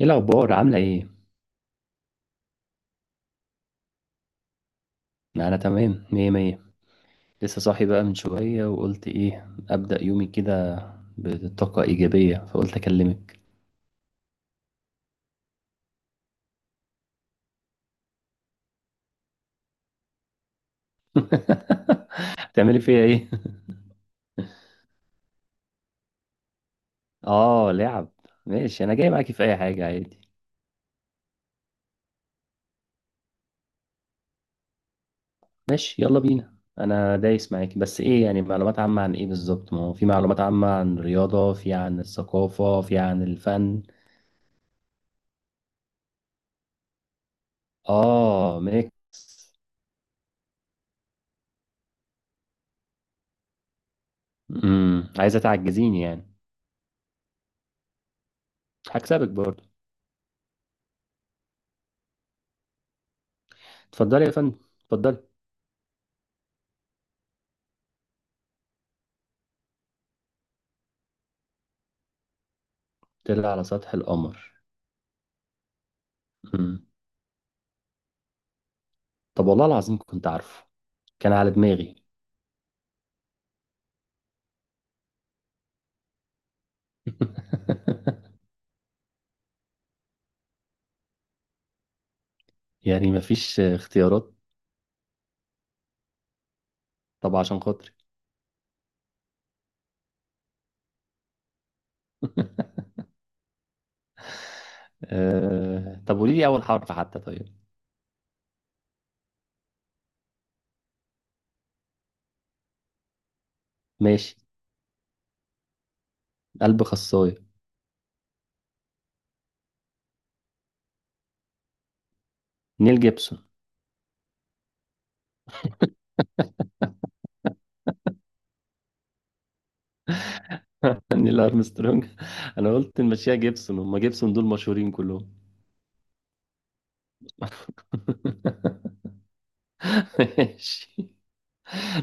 ايه الاخبار؟ عامله ايه؟ انا تمام، مية مية. لسه صاحي بقى من شويه، وقلت ايه، ابدا يومي كده بطاقه ايجابيه، فقلت اكلمك. تعملي فيا ايه؟ اه، لعب. ماشي، انا جاي معاكي في اي حاجه عادي. ماشي، يلا بينا. انا دايس معاكي، بس ايه يعني معلومات عامه عن ايه بالظبط؟ ما هو في معلومات عامه عن الرياضه، في عن الثقافه، في عن الفن. اه، ميكس. عايزه تعجزيني يعني؟ هكسبك برضه. اتفضلي يا فندم، اتفضلي. طلع على سطح القمر؟ مم. طب والله العظيم كنت عارفه. كان على دماغي. يعني مفيش اختيارات؟ طب عشان خاطري. طب قولي لي اول حرف حتى، طيب. ماشي. قلب خصايه. نيل جيبسون. نيل ارمسترونج. انا قلت نمشيها جيبسون، هم جيبسون دول مشهورين كلهم. ماشي.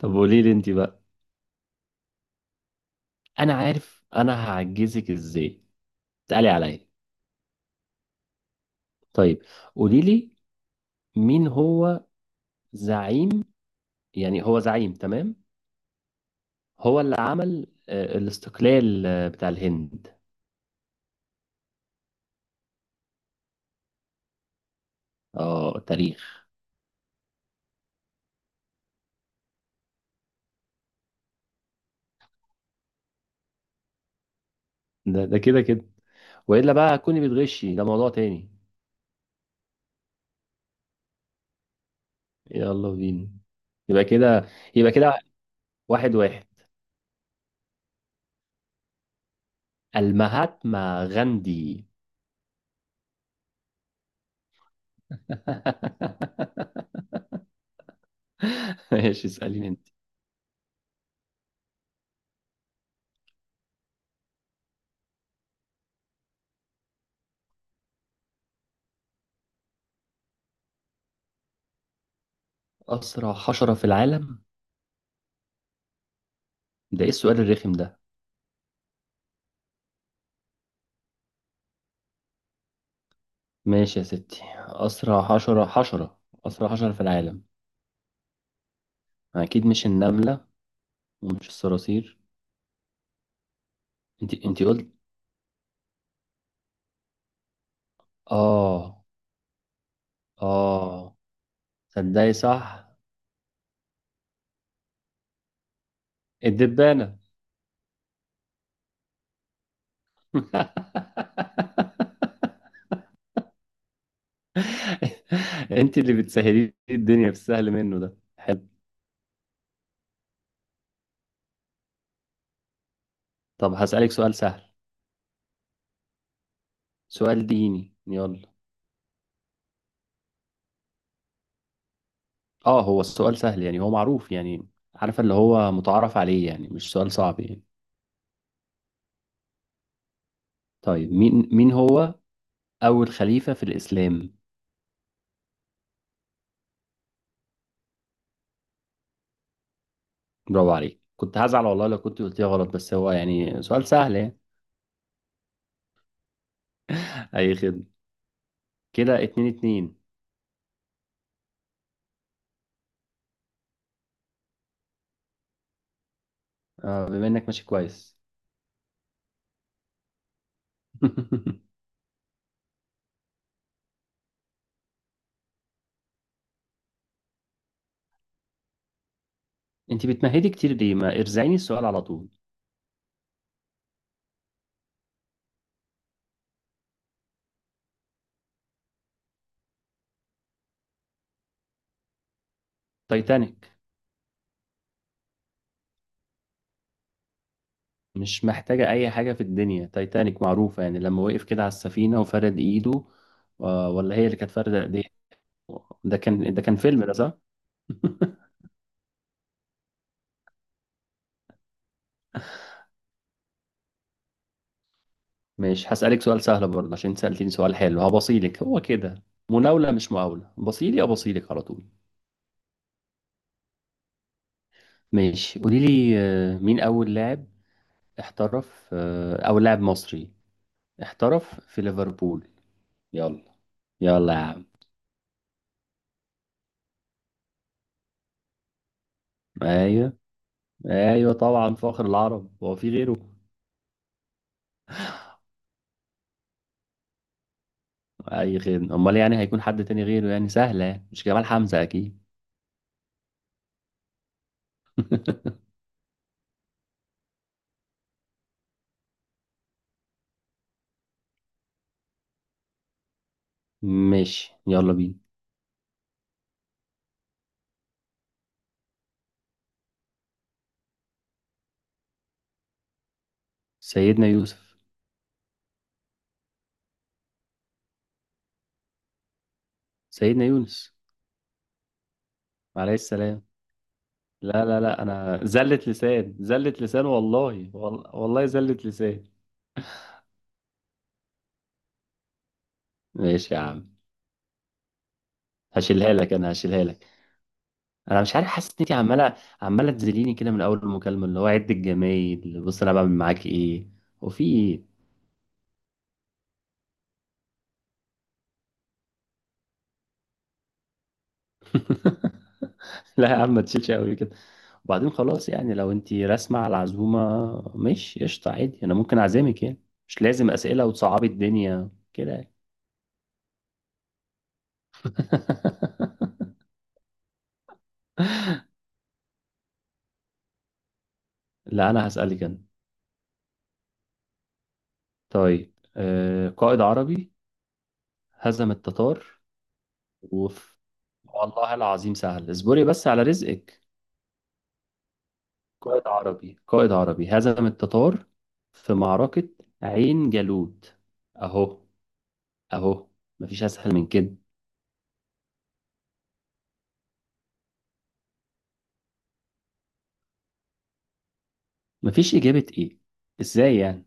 طب قولي لي انت بقى. انا عارف انا هعجزك ازاي. تعالي عليا. طيب. قولي لي. مين هو. زعيم. يعني هو زعيم، تمام؟ هو اللي عمل الاستقلال بتاع الهند. اه، تاريخ. ده كده كده. والا بقى كوني بتغشي، ده موضوع تاني. يلا بينا. يبقى كده. يبقى كده. واحد واحد. المهاتما غاندي. ماشي، اسأليني انت. أسرع حشرة في العالم؟ ده ايه السؤال الرخم ده؟ ماشي يا ستي، أسرع حشرة، أسرع حشرة في العالم. أكيد مش النملة. ومش الصراصير. انت قلت. اه. اه. صدقي صح. الدبانة. انت اللي بتسهلي لي الدنيا، في السهل منه ده حلو. طب هسألك سؤال سهل. سؤال ديني، يلا. اه هو السؤال سهل يعني، هو معروف يعني. عارفة، اللي هو متعارف عليه يعني، مش سؤال صعب يعني. طيب، مين هو أول خليفة في الإسلام؟ برافو عليك، كنت هزعل والله لو كنت قلتيها غلط، بس هو يعني سؤال سهل يعني. أي خدمة. كده اتنين اتنين. اه، بما انك ماشي كويس. انت بتمهدي كتير ليه؟ ما ارزعيني السؤال على طول. تايتانيك. مش محتاجة اي حاجة في الدنيا، تايتانيك معروفة يعني، لما وقف كده على السفينة وفرد ايده. ولا هي اللي كانت فاردة ايديها. ده كان فيلم ده، صح. مش هسألك سؤال سهل برضه، عشان سألتيني سؤال حلو هبصيلك هو كده. مناولة مش مقاولة، بصيلي أبصيلك على طول. ماشي، قولي لي مين أول لاعب احترف أو لاعب مصري احترف في ليفربول؟ يلا. يلا يا عم. ايوه. ايوه طبعا، فخر العرب، هو في غيره؟ اي خير، امال يعني هيكون حد تاني غيره يعني، سهله يعني. مش جمال حمزه اكيد. ماشي، يلا بينا. سيدنا يوسف. سيدنا يونس، عليه السلام. لا لا لا، انا زلت لسان زلت لسان والله، والله زلت لسان. ماشي يا عم. هشيلها لك، انا هشيلها لك. انا مش عارف، حاسس ان انت عماله تذليني كده من اول المكالمه، اللي هو عد الجمايل، بص انا بعمل معاك ايه. وفي ايه؟ لا يا عم، ما تشيلش قوي كده. وبعدين خلاص يعني، لو انت راسمة على العزومة ماشي، قشطة عادي، انا ممكن اعزمك يعني. مش لازم اسئلة وتصعبي الدنيا كده يعني. لا، انا هسألك انا. طيب، قائد عربي هزم التتار. وف والله العظيم سهل، اصبري بس على رزقك. قائد عربي قائد عربي هزم التتار، في معركة عين جالوت. اهو. اهو. مفيش اسهل من كده. مفيش إجابة إيه؟ إزاي يعني؟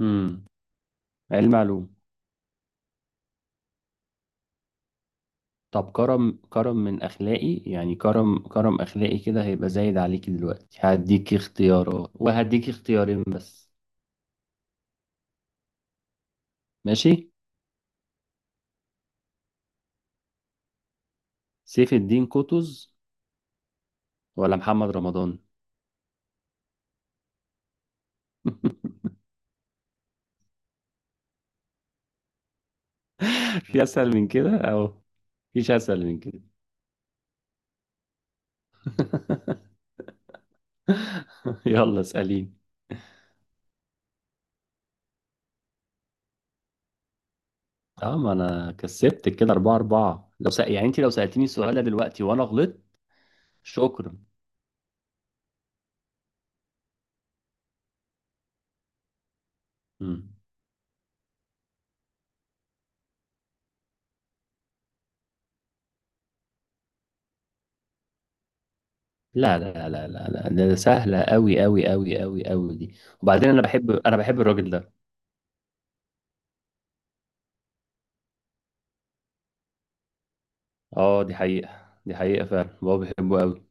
امم علم معلوم. طب، كرم كرم من أخلاقي يعني، كرم كرم أخلاقي كده هيبقى زايد عليك دلوقتي، هديك اختيارات، وهديك اختيارين بس. ماشي؟ سيف الدين قطز، ولا محمد رمضان؟ في أسهل من كده، أو مفيش أسهل من كده. يلا، اسأليني. اه ما أنا كسبت كده أربعة أربعة، لو يعني أنت لو سألتني السؤال ده دلوقتي وأنا غلطت. شكرا. مم. لا لا لا لا لا، ده سهلة أوي أوي أوي أوي أوي دي. وبعدين أنا بحب الراجل ده. أه، دي حقيقة دي حقيقة، فعلا بابا بحبه أوي.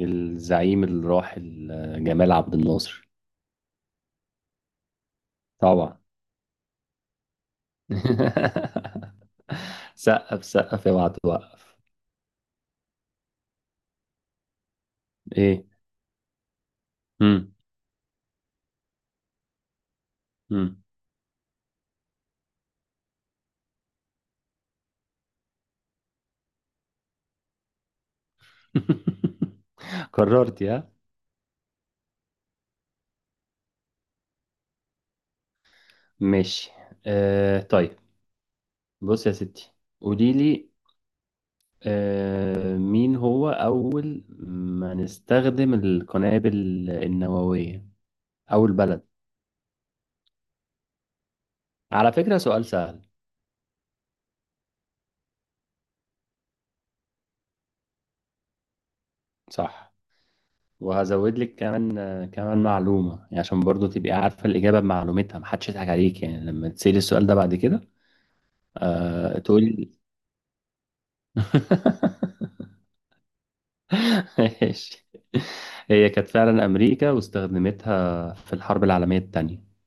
الزعيم الراحل جمال عبد الناصر. طبعا. سقف سقف يا بعد وقف. إيه؟ مم. مم. قررت يا. ماشي، طيب. بص يا ستي. قولي لي، مين هو أول ما نستخدم القنابل النووية، أو البلد؟ على فكرة سؤال سهل. صح. وهزود لك كمان كمان معلومة يعني، عشان برضو تبقي عارفة الإجابة بمعلومتها، محدش يضحك عليك يعني لما تسألي السؤال ده بعد كده. أه، تقولي. ماشي. هي كانت فعلا أمريكا، واستخدمتها في الحرب العالمية التانية.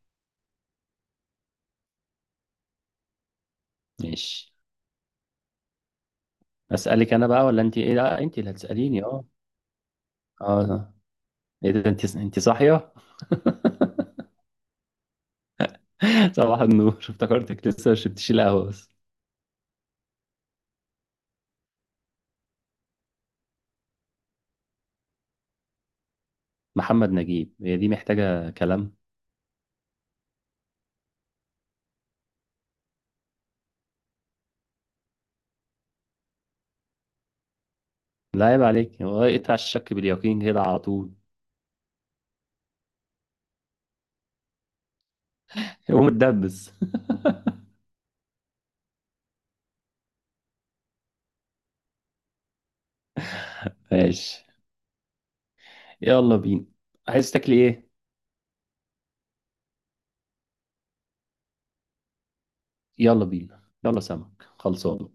ماشي. أسألك أنا بقى ولا أنت؟ إيه لا، أنت اللي هتسأليني، أه. أه آه. ايه ده، انت صاحيه؟ صباح النور، افتكرتك لسه مش بتشيل قهوه بس. محمد نجيب، هي دي محتاجه كلام؟ لا عيب عليك، هو اقطع الشك باليقين كده على طول. قوم اتدبس. ماشي، يلا بينا. عايز تاكلي ايه؟ يلا بينا، يلا سمك خلصان.